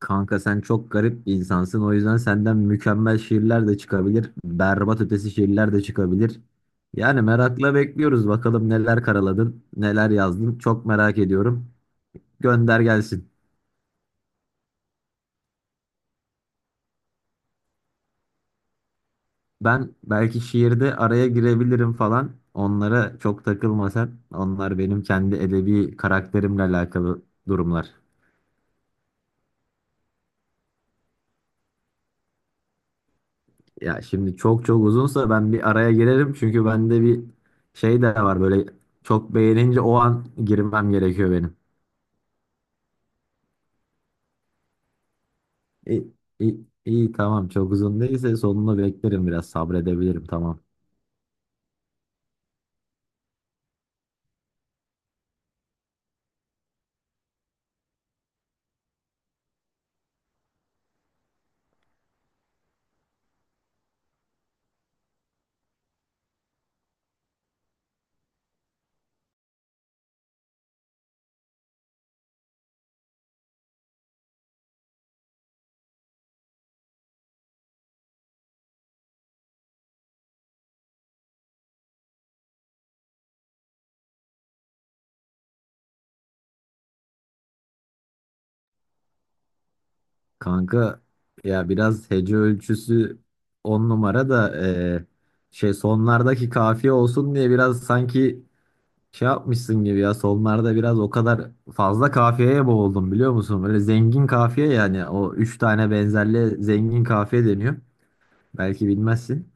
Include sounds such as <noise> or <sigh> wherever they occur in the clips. Kanka sen çok garip bir insansın. O yüzden senden mükemmel şiirler de çıkabilir. Berbat ötesi şiirler de çıkabilir. Yani merakla bekliyoruz. Bakalım neler karaladın, neler yazdın. Çok merak ediyorum. Gönder gelsin. Ben belki şiirde araya girebilirim falan. Onlara çok takılma sen. Onlar benim kendi edebi karakterimle alakalı durumlar. Ya şimdi çok çok uzunsa ben bir araya girerim. Çünkü bende bir şey de var böyle çok beğenince o an girmem gerekiyor benim. İyi, iyi, iyi, tamam çok uzun değilse sonunu beklerim biraz sabredebilirim tamam. Kanka ya biraz hece ölçüsü 10 numara da şey sonlardaki kafiye olsun diye biraz sanki şey yapmışsın gibi ya sonlarda biraz o kadar fazla kafiyeye boğuldum biliyor musun? Böyle zengin kafiye yani o 3 tane benzerli zengin kafiye deniyor. Belki bilmezsin.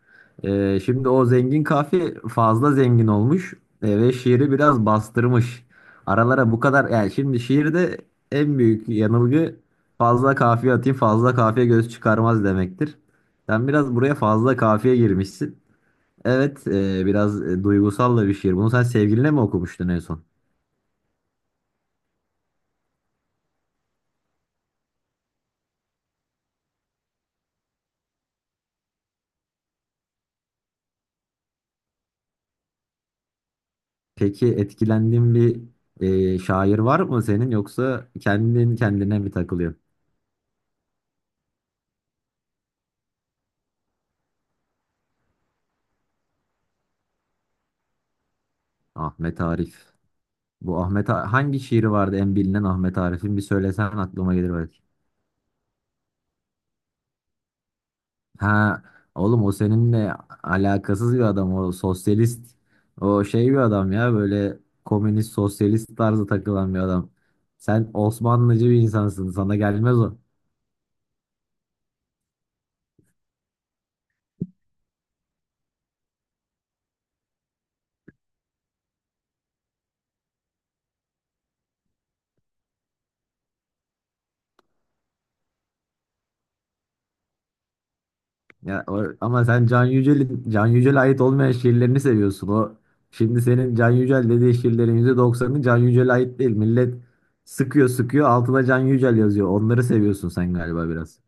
Şimdi o zengin fazla zengin olmuş ve şiiri biraz bastırmış. Aralara bu kadar yani şimdi şiirde en büyük yanılgı fazla kafiye atayım fazla kafiye göz çıkarmaz demektir. Sen biraz buraya fazla kafiye girmişsin. Evet biraz duygusal da bir şiir. Bunu sen sevgiline mi okumuştun en son? Peki etkilendiğin bir şair var mı senin yoksa kendin kendine mi takılıyorsun? Ahmet Arif. Bu hangi şiiri vardı en bilinen Ahmet Arif'in bir söylesen aklıma gelir belki. Ha oğlum o seninle alakasız bir adam o sosyalist o şey bir adam ya böyle komünist sosyalist tarzı takılan bir adam. Sen Osmanlıcı bir insansın sana gelmez o. Ya, o ama sen Can Yücel'in Can Yücel'e ait olmayan şiirlerini seviyorsun o. Şimdi senin Can Yücel dediği şiirlerin %90'ı Can Yücel'e ait değil. Millet sıkıyor sıkıyor altına Can Yücel yazıyor. Onları seviyorsun sen galiba biraz.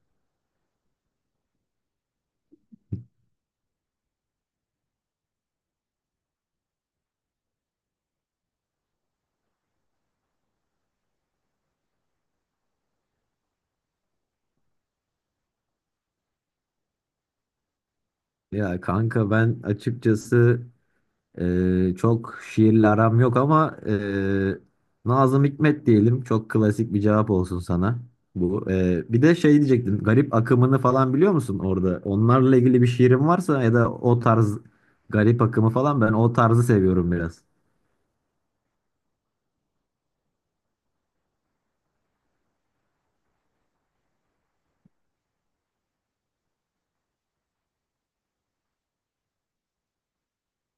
Ya kanka ben açıkçası çok şiirle aram yok ama Nazım Hikmet diyelim. Çok klasik bir cevap olsun sana bu. Bir de şey diyecektim. Garip akımını falan biliyor musun orada? Onlarla ilgili bir şiirin varsa ya da o tarz garip akımı falan ben o tarzı seviyorum biraz.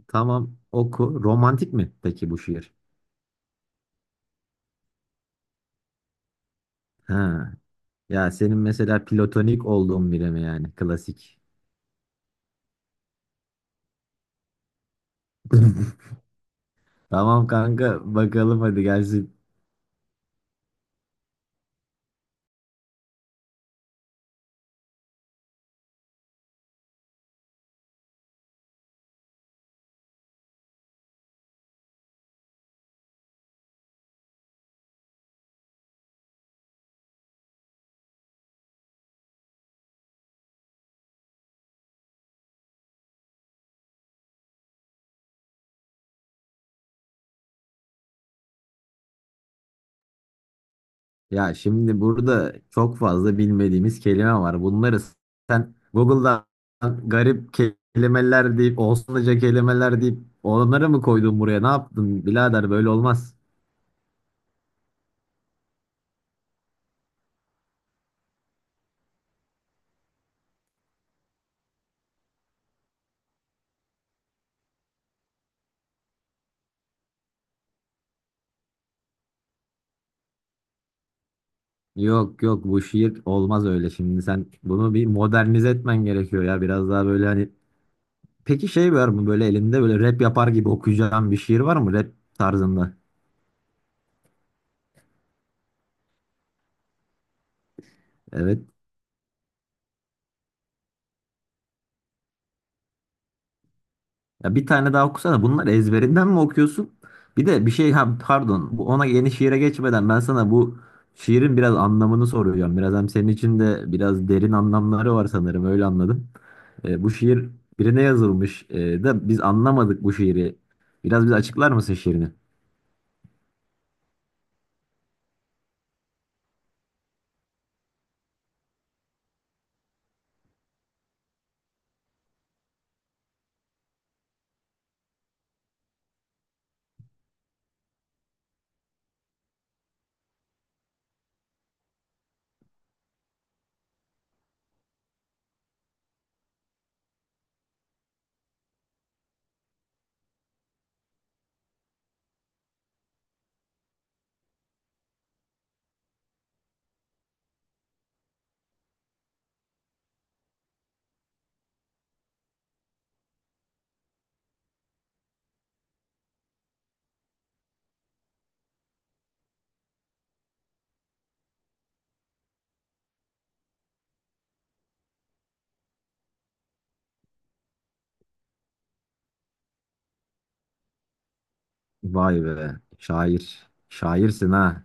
Tamam oku. Romantik mi peki bu şiir? Ha. Ya senin mesela platonik olduğun biri mi yani klasik? <laughs> Tamam kanka bakalım hadi gelsin. Ya şimdi burada çok fazla bilmediğimiz kelime var. Bunları sen Google'dan garip kelimeler deyip, Osmanlıca kelimeler deyip onları mı koydun buraya? Ne yaptın birader böyle olmaz. Yok yok bu şiir olmaz öyle şimdi. Sen bunu bir modernize etmen gerekiyor ya biraz daha böyle hani. Peki şey var mı böyle elinde böyle rap yapar gibi okuyacağın bir şiir var mı rap tarzında? Evet. Ya bir tane daha okusana. Bunları ezberinden mi okuyorsun? Bir de bir şey ha, pardon. Bu ona yeni şiire geçmeden ben sana bu şiirin biraz anlamını soracağım. Biraz hem senin için de biraz derin anlamları var sanırım. Öyle anladım. Bu şiir birine yazılmış da biz anlamadık bu şiiri. Biraz bize açıklar mısın şiirini? Vay be. Şair. Şairsin ha.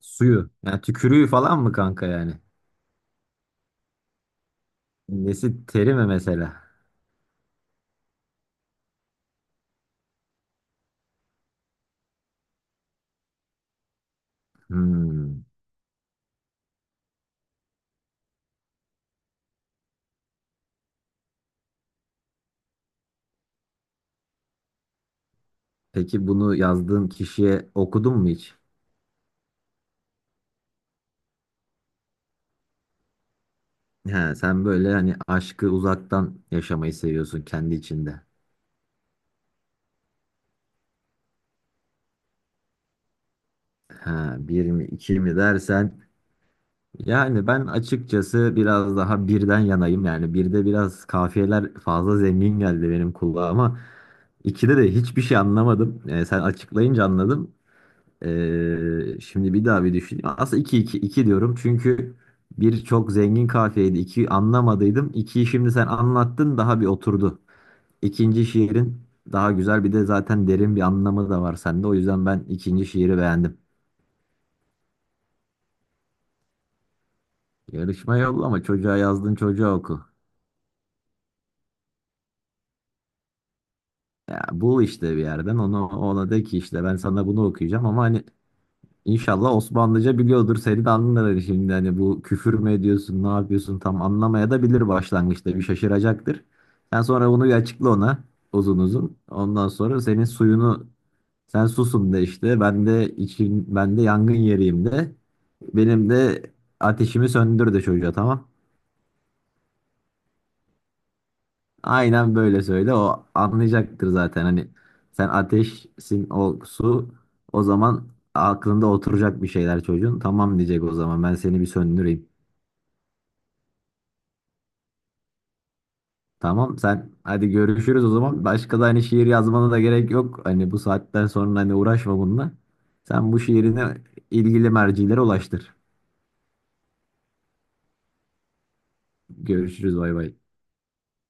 Suyu. Yani tükürüğü falan mı kanka yani? Nesi teri mi mesela? Hmm. Peki bunu yazdığın kişiye okudun mu hiç? He, sen böyle hani aşkı uzaktan yaşamayı seviyorsun kendi içinde. Ha bir mi iki mi dersen yani ben açıkçası biraz daha birden yanayım. Yani birde biraz kafiyeler fazla zengin geldi benim kulağıma. İkide de hiçbir şey anlamadım. Sen açıklayınca anladım. Şimdi bir daha bir düşüneyim. Aslında iki iki iki diyorum çünkü bir çok zengin kafiyeydi. İki anlamadıydım. İkiyi şimdi sen anlattın daha bir oturdu. İkinci şiirin daha güzel bir de zaten derin bir anlamı da var sende. O yüzden ben ikinci şiiri beğendim. Yarışma yolla ama çocuğa yazdın çocuğa oku. Ya bul işte bir yerden onu ona de ki işte ben sana bunu okuyacağım ama hani inşallah Osmanlıca biliyordur seni de anlar hani şimdi hani bu küfür mü ediyorsun ne yapıyorsun tam anlamaya da bilir başlangıçta bir şaşıracaktır. Sen sonra bunu bir açıkla ona uzun uzun. Ondan sonra senin suyunu Sen susun de işte. Ben de için ben de yangın yeriyim de. Benim de ateşimi söndür de çocuğa tamam. Aynen böyle söyle. O anlayacaktır zaten. Hani sen ateşsin o su. O zaman aklında oturacak bir şeyler çocuğun. Tamam diyecek o zaman. Ben seni bir söndüreyim. Tamam sen hadi görüşürüz o zaman. Başka da hani şiir yazmana da gerek yok. Hani bu saatten sonra hani uğraşma bununla. Sen bu şiirini ilgili mercilere ulaştır. Görüşürüz bay bay.